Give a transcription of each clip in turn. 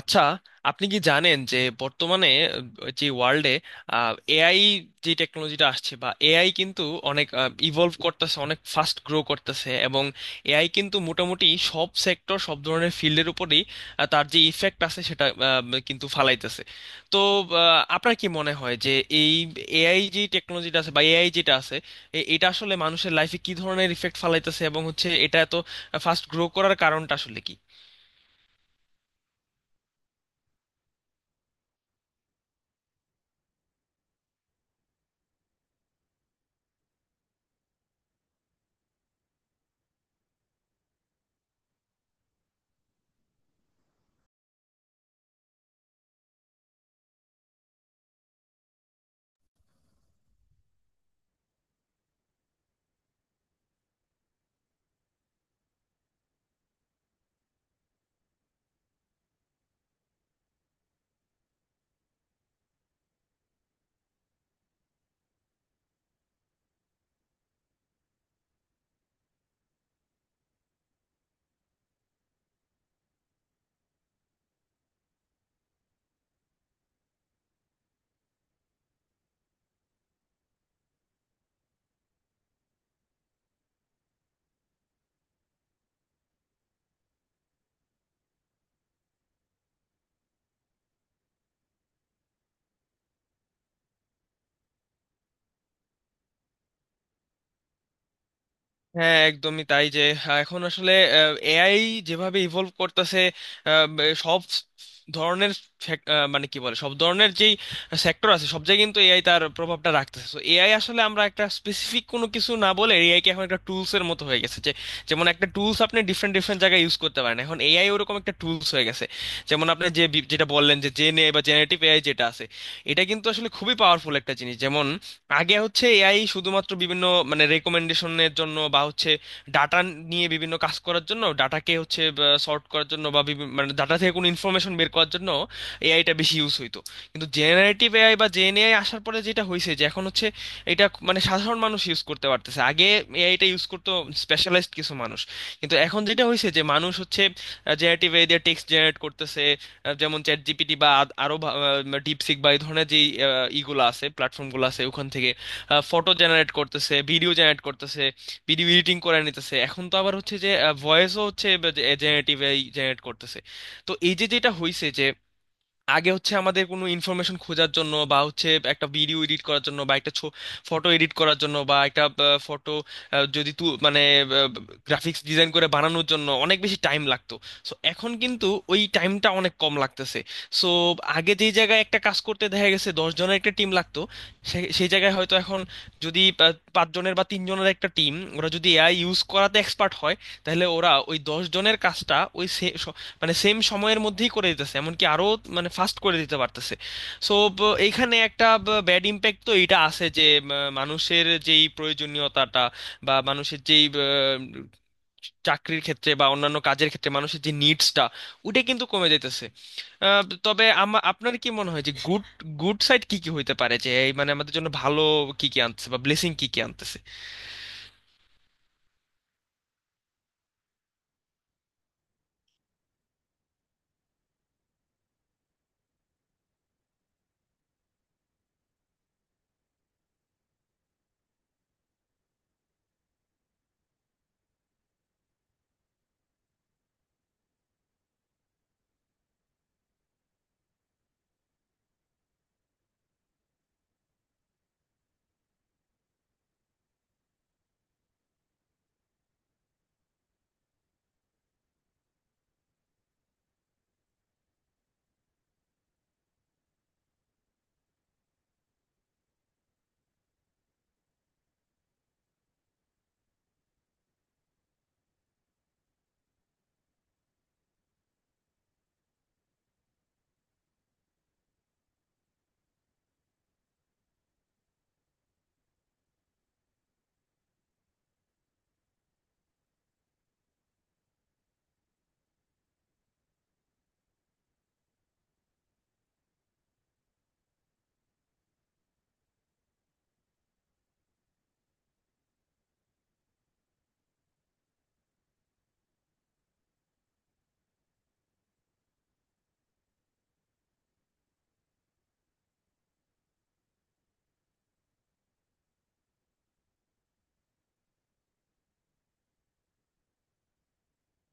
আচ্ছা। আপনি কি জানেন যে বর্তমানে যে ওয়ার্ল্ডে এআই যে টেকনোলজিটা আসছে বা এআই কিন্তু অনেক ইভলভ করতেছে, অনেক ফাস্ট গ্রো করতেছে, এবং এআই কিন্তু মোটামুটি সব সেক্টর, সব ধরনের ফিল্ডের উপরেই তার যে ইফেক্ট আছে সেটা কিন্তু ফালাইতেছে। তো আপনার কি মনে হয় যে এই এআই যে টেকনোলজিটা আছে বা এআই যেটা আছে, এটা আসলে মানুষের লাইফে কি ধরনের ইফেক্ট ফালাইতেছে এবং হচ্ছে এটা এত ফাস্ট গ্রো করার কারণটা আসলে কি? হ্যাঁ, একদমই তাই যে এখন আসলে এআই যেভাবে ইভলভ করতেছে, সব ধরনের মানে কি বলে, সব ধরনের যেই সেক্টর আছে সব জায়গায় কিন্তু এআই তার প্রভাবটা রাখতেছে। তো এআই আসলে আমরা একটা স্পেসিফিক কোনো কিছু না বলে, এআই কে এখন একটা টুলস এর মতো হয়ে গেছে যে, যেমন একটা টুলস আপনি ডিফারেন্ট ডিফারেন্ট জায়গায় ইউজ করতে পারেন, এখন এআই ওরকম একটা টুলস হয়ে গেছে। যেমন আপনি যেটা বললেন যে জেনে বা জেনারেটিভ এআই যেটা আছে, এটা কিন্তু আসলে খুবই পাওয়ারফুল একটা জিনিস। যেমন আগে হচ্ছে এআই শুধুমাত্র বিভিন্ন মানে রেকমেন্ডেশনের জন্য বা হচ্ছে ডাটা নিয়ে বিভিন্ন কাজ করার জন্য, ডাটাকে হচ্ছে সর্ট করার জন্য বা মানে ডাটা থেকে কোনো ইনফরমেশন বের করার জন্য এআইটা বেশি ইউজ হইতো। কিন্তু জেনারেটিভ এআই বা জেএনএআই আসার পরে যেটা হয়েছে যে এখন হচ্ছে এটা মানে সাধারণ মানুষ ইউজ করতে পারতেছে। আগে এআইটা ইউজ করতো স্পেশালাইজড কিছু মানুষ, কিন্তু এখন যেটা হয়েছে যে মানুষ হচ্ছে জেনারেটিভ এআই দিয়ে টেক্সট জেনারেট করতেছে, যেমন চ্যাট জিপিটি বা আরো ডিপসিক বা এই ধরনের যে ইগুলো আছে, প্ল্যাটফর্মগুলো আছে, ওখান থেকে ফটো জেনারেট করতেছে, ভিডিও জেনারেট করতেছে, ভিডিও এডিটিং করে নিতেছে। এখন তো আবার হচ্ছে যে ভয়েসও হচ্ছে জেনারেটিভ জেনারেট করতেছে। তো এই যে যেটা হয়েছে যে আগে হচ্ছে আমাদের কোনো ইনফরমেশন খোঁজার জন্য বা হচ্ছে একটা ভিডিও এডিট করার জন্য বা একটা ফটো এডিট করার জন্য বা একটা ফটো যদি তু মানে গ্রাফিক্স ডিজাইন করে বানানোর জন্য অনেক বেশি টাইম লাগতো, সো এখন কিন্তু ওই টাইমটা অনেক কম লাগতেছে। সো আগে যেই জায়গায় একটা কাজ করতে দেখা গেছে 10 জনের একটা টিম লাগতো, সেই জায়গায় হয়তো এখন যদি পাঁচ জনের বা তিন জনের একটা টিম ওরা যদি এআই ইউজ করাতে এক্সপার্ট হয়, তাহলে ওরা ওই 10 জনের কাজটা ওই মানে সেম সময়ের মধ্যেই করে দিতেছে, এমনকি আরো মানে ফাস্ট করে দিতে পারতেছে। সো এইখানে একটা ব্যাড ইম্প্যাক্ট তো এটা আছে যে মানুষের যেই প্রয়োজনীয়তাটা বা মানুষের যেই চাকরির ক্ষেত্রে বা অন্যান্য কাজের ক্ষেত্রে মানুষের যে নিডসটা, ওটা কিন্তু কমে যাইতেছে। তবে আমার আপনার কি মনে হয় যে গুড, গুড সাইড কি কি হইতে পারে, যে এই মানে আমাদের জন্য ভালো কি কি আনতেছে বা ব্লেসিং কি কি আনতেছে?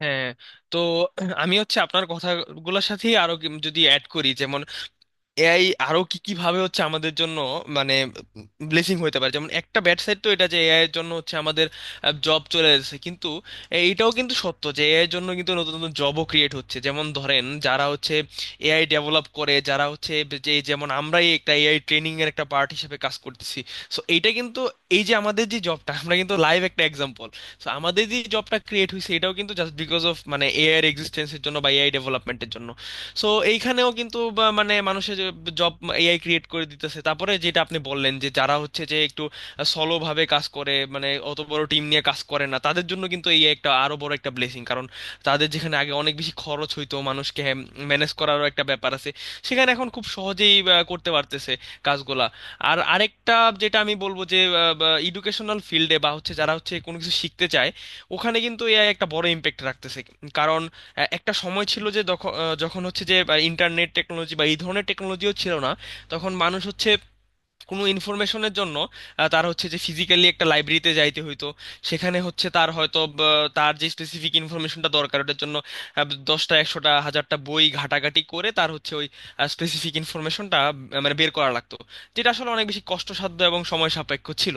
হ্যাঁ। তো আমি হচ্ছে আপনার কথাগুলোর সাথেই আরো যদি অ্যাড করি, যেমন এআই আরো কি কি ভাবে হচ্ছে আমাদের জন্য মানে ব্লেসিং হইতে পারে। যেমন একটা ব্যাড সাইড তো এটা যে এআই এর জন্য হচ্ছে আমাদের জব চলে যাচ্ছে, কিন্তু এইটাও কিন্তু সত্য যে এআই এর জন্য কিন্তু নতুন নতুন জবও ক্রিয়েট হচ্ছে। যেমন ধরেন যারা হচ্ছে এআই ডেভেলপ করে, যারা হচ্ছে, যে যেমন আমরাই একটা এআই ট্রেনিং এর একটা পার্ট হিসেবে কাজ করতেছি। সো এইটা কিন্তু, এই যে আমাদের যে জবটা, আমরা কিন্তু লাইভ একটা এক্সাম্পল। সো আমাদের যে জবটা ক্রিয়েট হয়েছে এটাও কিন্তু জাস্ট বিকজ অফ মানে এআই এর এক্সিস্টেন্সের জন্য বা এআই ডেভেলপমেন্টের জন্য। সো এইখানেও কিন্তু বা মানে মানুষের জব এআই ক্রিয়েট করে দিতেছে। তারপরে যেটা আপনি বললেন যে যারা হচ্ছে যে একটু সলো ভাবে কাজ করে, মানে অত বড় টিম নিয়ে কাজ করে না, তাদের জন্য কিন্তু এই একটা আরো বড় একটা ব্লেসিং। কারণ তাদের যেখানে আগে অনেক বেশি খরচ হইতো, মানুষকে ম্যানেজ করারও একটা ব্যাপার আছে, সেখানে এখন খুব সহজেই করতে পারতেছে কাজগুলা। আর আরেকটা যেটা আমি বলবো যে এডুকেশনাল ফিল্ডে বা educational field এ বা হচ্ছে যারা হচ্ছে কোনো কিছু শিখতে চায়, ওখানে কিন্তু এআই একটা বড় ইম্প্যাক্ট রাখতেছে। কারণ একটা সময় ছিল যে যখন হচ্ছে যে ইন্টারনেট টেকনোলজি বা এই ধরনের টেকনোলজিও ছিল না, তখন মানুষ হচ্ছে কোনো ইনফরমেশনের জন্য তার হচ্ছে যে ফিজিক্যালি একটা লাইব্রেরিতে যাইতে হইতো। সেখানে হচ্ছে তার হয়তো তার যে স্পেসিফিক ইনফরমেশনটা দরকার ওটার জন্য 10টা 100টা 1000টা বই ঘাটাঘাটি করে তার হচ্ছে ওই স্পেসিফিক ইনফরমেশনটা মানে বের করা লাগতো, যেটা আসলে অনেক বেশি কষ্টসাধ্য এবং সময় সাপেক্ষ ছিল।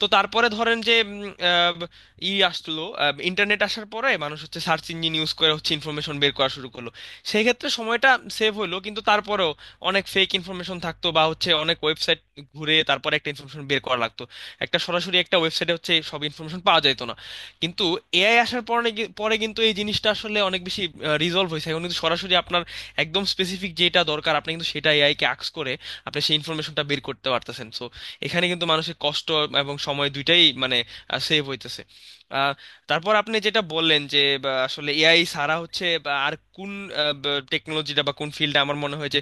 তো তারপরে ধরেন যে ই আসলো, ইন্টারনেট আসার পরে মানুষ হচ্ছে সার্চ ইঞ্জিন ইউজ করে হচ্ছে ইনফরমেশন বের করা শুরু করলো। সেই ক্ষেত্রে সময়টা সেভ হলো, কিন্তু তারপরেও অনেক ফেক ইনফরমেশন থাকতো বা হচ্ছে অনেক ওয়েবসাইট ঘুরে তারপরে একটা ইনফরমেশন বের করা লাগতো। একটা সরাসরি একটা ওয়েবসাইটে হচ্ছে সব ইনফরমেশন পাওয়া যেত না। কিন্তু এআই আসার পরে কিন্তু এই জিনিসটা আসলে অনেক বেশি রিজলভ হয়েছে। এখন কিন্তু সরাসরি আপনার একদম স্পেসিফিক যেটা দরকার, আপনি কিন্তু সেটা এআই কে আক্স করে আপনি সেই ইনফরমেশনটা বের করতে পারতেছেন। সো এখানে কিন্তু মানুষের কষ্ট এবং সময় দুইটাই মানে সেভ হইতেছে। আহ, তারপর আপনি যেটা বললেন যে বা, আসলে এআই ছাড়া হচ্ছে বা আর কোন টেকনোলজিটা বা কোন ফিল্ডে আমার মনে হয় যে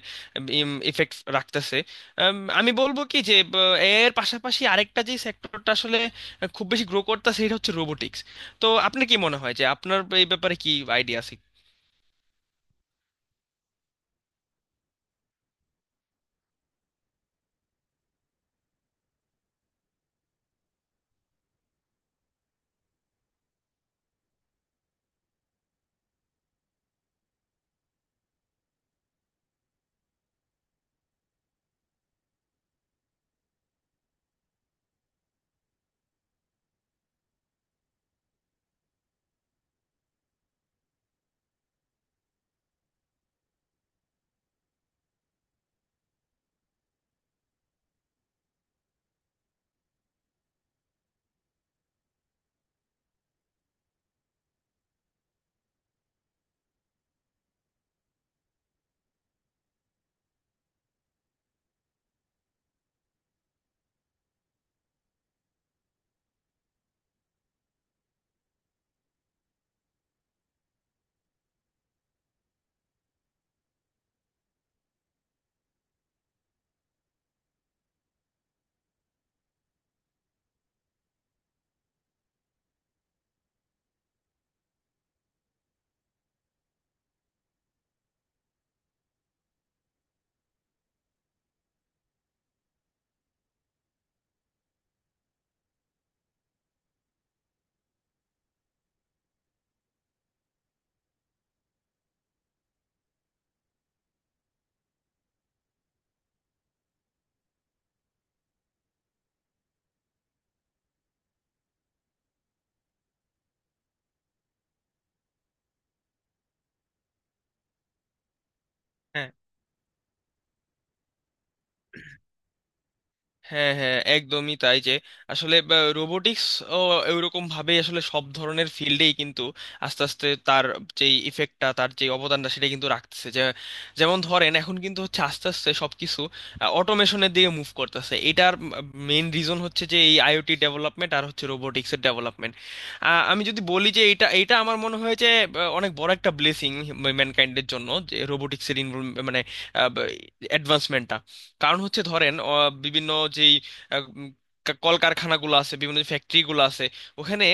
ইফেক্ট রাখতেছে, আমি বলবো কি যে এর পাশাপাশি আরেকটা যে সেক্টরটা আসলে খুব বেশি গ্রো করতেছে, সেটা হচ্ছে রোবোটিক্স। তো আপনার কি মনে হয় যে আপনার এই ব্যাপারে কি আইডিয়া আছে? হ্যাঁ, হ্যাঁ, একদমই তাই যে আসলে রোবোটিক্স ও এরকম ভাবে আসলে সব ধরনের ফিল্ডেই কিন্তু আস্তে আস্তে তার যেই ইফেক্টটা, তার যে অবদানটা সেটা কিন্তু রাখতেছে। যে যেমন ধরেন এখন কিন্তু হচ্ছে আস্তে আস্তে সবকিছু অটোমেশনের দিকে মুভ করতেছে, এটার মেইন রিজন হচ্ছে যে এই আইওটি ডেভেলপমেন্ট আর হচ্ছে রোবোটিক্সের ডেভেলপমেন্ট। আমি যদি বলি যে এটা এটা আমার মনে হয় যে অনেক বড় একটা ব্লেসিং ম্যানকাইন্ডের জন্য, যে রোবোটিক্সের ইনভলভ মানে অ্যাডভান্সমেন্টটা। কারণ হচ্ছে ধরেন বিভিন্ন যেই আহ, উম, কলকারখানাগুলো আছে, বিভিন্ন ফ্যাক্টরিগুলো আছে, ওখানে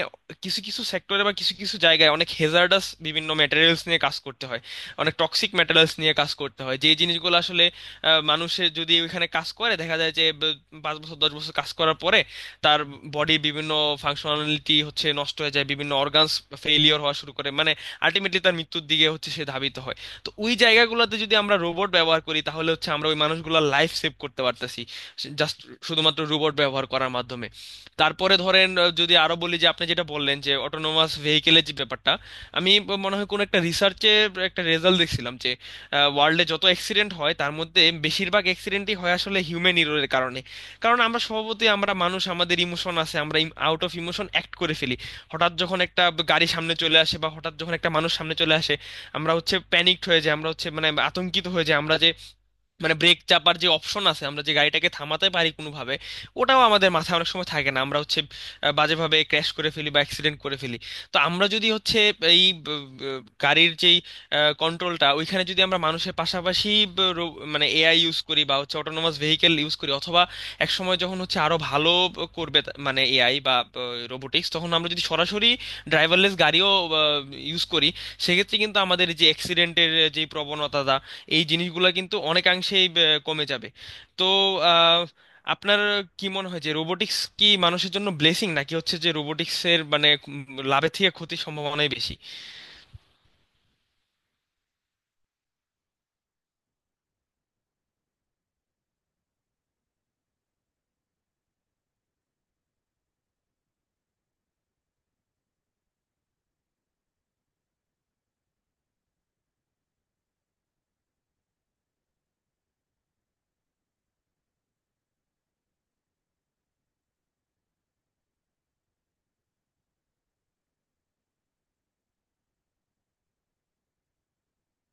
কিছু কিছু সেক্টরে বা কিছু কিছু জায়গায় অনেক হেজার্ডাস বিভিন্ন ম্যাটেরিয়ালস নিয়ে কাজ করতে হয়, অনেক টক্সিক ম্যাটেরিয়ালস নিয়ে কাজ করতে হয়। যে জিনিসগুলো আসলে মানুষের যদি ওইখানে কাজ করে দেখা যায় যে 5 বছর 10 বছর কাজ করার পরে তার বডির বিভিন্ন ফাংশনালিটি হচ্ছে নষ্ট হয়ে যায়, বিভিন্ন অর্গানস ফেইলিওর হওয়া শুরু করে, মানে আলটিমেটলি তার মৃত্যুর দিকে হচ্ছে সে ধাবিত হয়। তো ওই জায়গাগুলোতে যদি আমরা রোবট ব্যবহার করি, তাহলে হচ্ছে আমরা ওই মানুষগুলোর লাইফ সেভ করতে পারতেছি, জাস্ট শুধুমাত্র রোবট ব্যবহার করার মাধ্যমে। তারপরে ধরেন যদি আরো বলি যে আপনি যেটা বললেন যে অটোনোমাস ভেহিকেলের যে ব্যাপারটা, আমি মনে হয় কোনো একটা রিসার্চে একটা রেজাল্ট দেখছিলাম যে ওয়ার্ল্ডে যত অ্যাক্সিডেন্ট হয় তার মধ্যে বেশিরভাগ অ্যাক্সিডেন্টই হয় আসলে হিউম্যান এররের কারণে। কারণ আমরা স্বভাবতই আমরা মানুষ, আমাদের ইমোশন আছে, আমরা আউট অফ ইমোশন অ্যাক্ট করে ফেলি। হঠাৎ যখন একটা গাড়ি সামনে চলে আসে বা হঠাৎ যখন একটা মানুষ সামনে চলে আসে, আমরা হচ্ছে প্যানিকড হয়ে যাই, আমরা হচ্ছে মানে আতঙ্কিত হয়ে যাই। আমরা যে মানে ব্রেক চাপার যে অপশন আছে, আমরা যে গাড়িটাকে থামাতে পারি কোনোভাবে, ওটাও আমাদের মাথায় অনেক সময় থাকে না, আমরা হচ্ছে বাজেভাবে ক্র্যাশ করে ফেলি বা অ্যাক্সিডেন্ট করে ফেলি। তো আমরা যদি হচ্ছে এই গাড়ির যেই কন্ট্রোলটা, ওইখানে যদি আমরা মানুষের পাশাপাশি মানে এআই ইউজ করি বা হচ্ছে অটোনোমাস ভেহিকেল ইউজ করি, অথবা এক সময় যখন হচ্ছে আরো ভালো করবে মানে এআই বা রোবোটিক্স, তখন আমরা যদি সরাসরি ড্রাইভারলেস গাড়িও ইউজ করি, সেক্ষেত্রে কিন্তু আমাদের যে অ্যাক্সিডেন্টের যে প্রবণতা, এই জিনিসগুলো কিন্তু অনেকাংশেই কমে যাবে। তো আহ, আপনার কি মনে হয় যে রোবোটিক্স কি মানুষের জন্য ব্লেসিং, নাকি হচ্ছে যে রোবোটিক্সের মানে লাভের থেকে ক্ষতির সম্ভাবনাই বেশি?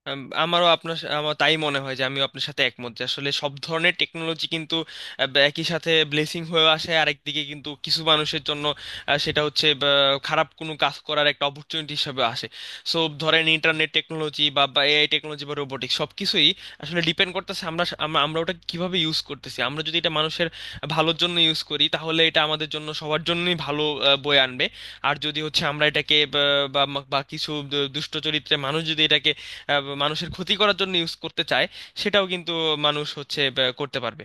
আমার তাই মনে হয় যে আমিও আপনার সাথে একমত যে আসলে সব ধরনের টেকনোলজি কিন্তু বা একই সাথে ব্লেসিং হয়ে আসে, আরেকদিকে কিন্তু কিছু মানুষের জন্য সেটা হচ্ছে বা, খারাপ কোনো কাজ করার একটা অপরচুনিটি হিসেবে আসে। সো ধরেন ইন্টারনেট টেকনোলজি বা এআই টেকনোলজি বা রোবোটিক্স, সব কিছুই আসলে ডিপেন্ড করতেছে আমরা আমরা ওটা কিভাবে ইউজ করতেছি। আমরা যদি এটা মানুষের ভালোর জন্য ইউজ করি, তাহলে এটা আমাদের জন্য সবার জন্যই ভালো বয়ে আনবে। আর যদি হচ্ছে আমরা এটাকে বা বা কিছু দুষ্ট চরিত্রের মানুষ যদি এটাকে মানুষের ক্ষতি করার জন্য ইউজ করতে চায়, সেটাও কিন্তু মানুষ হচ্ছে করতে পারবে।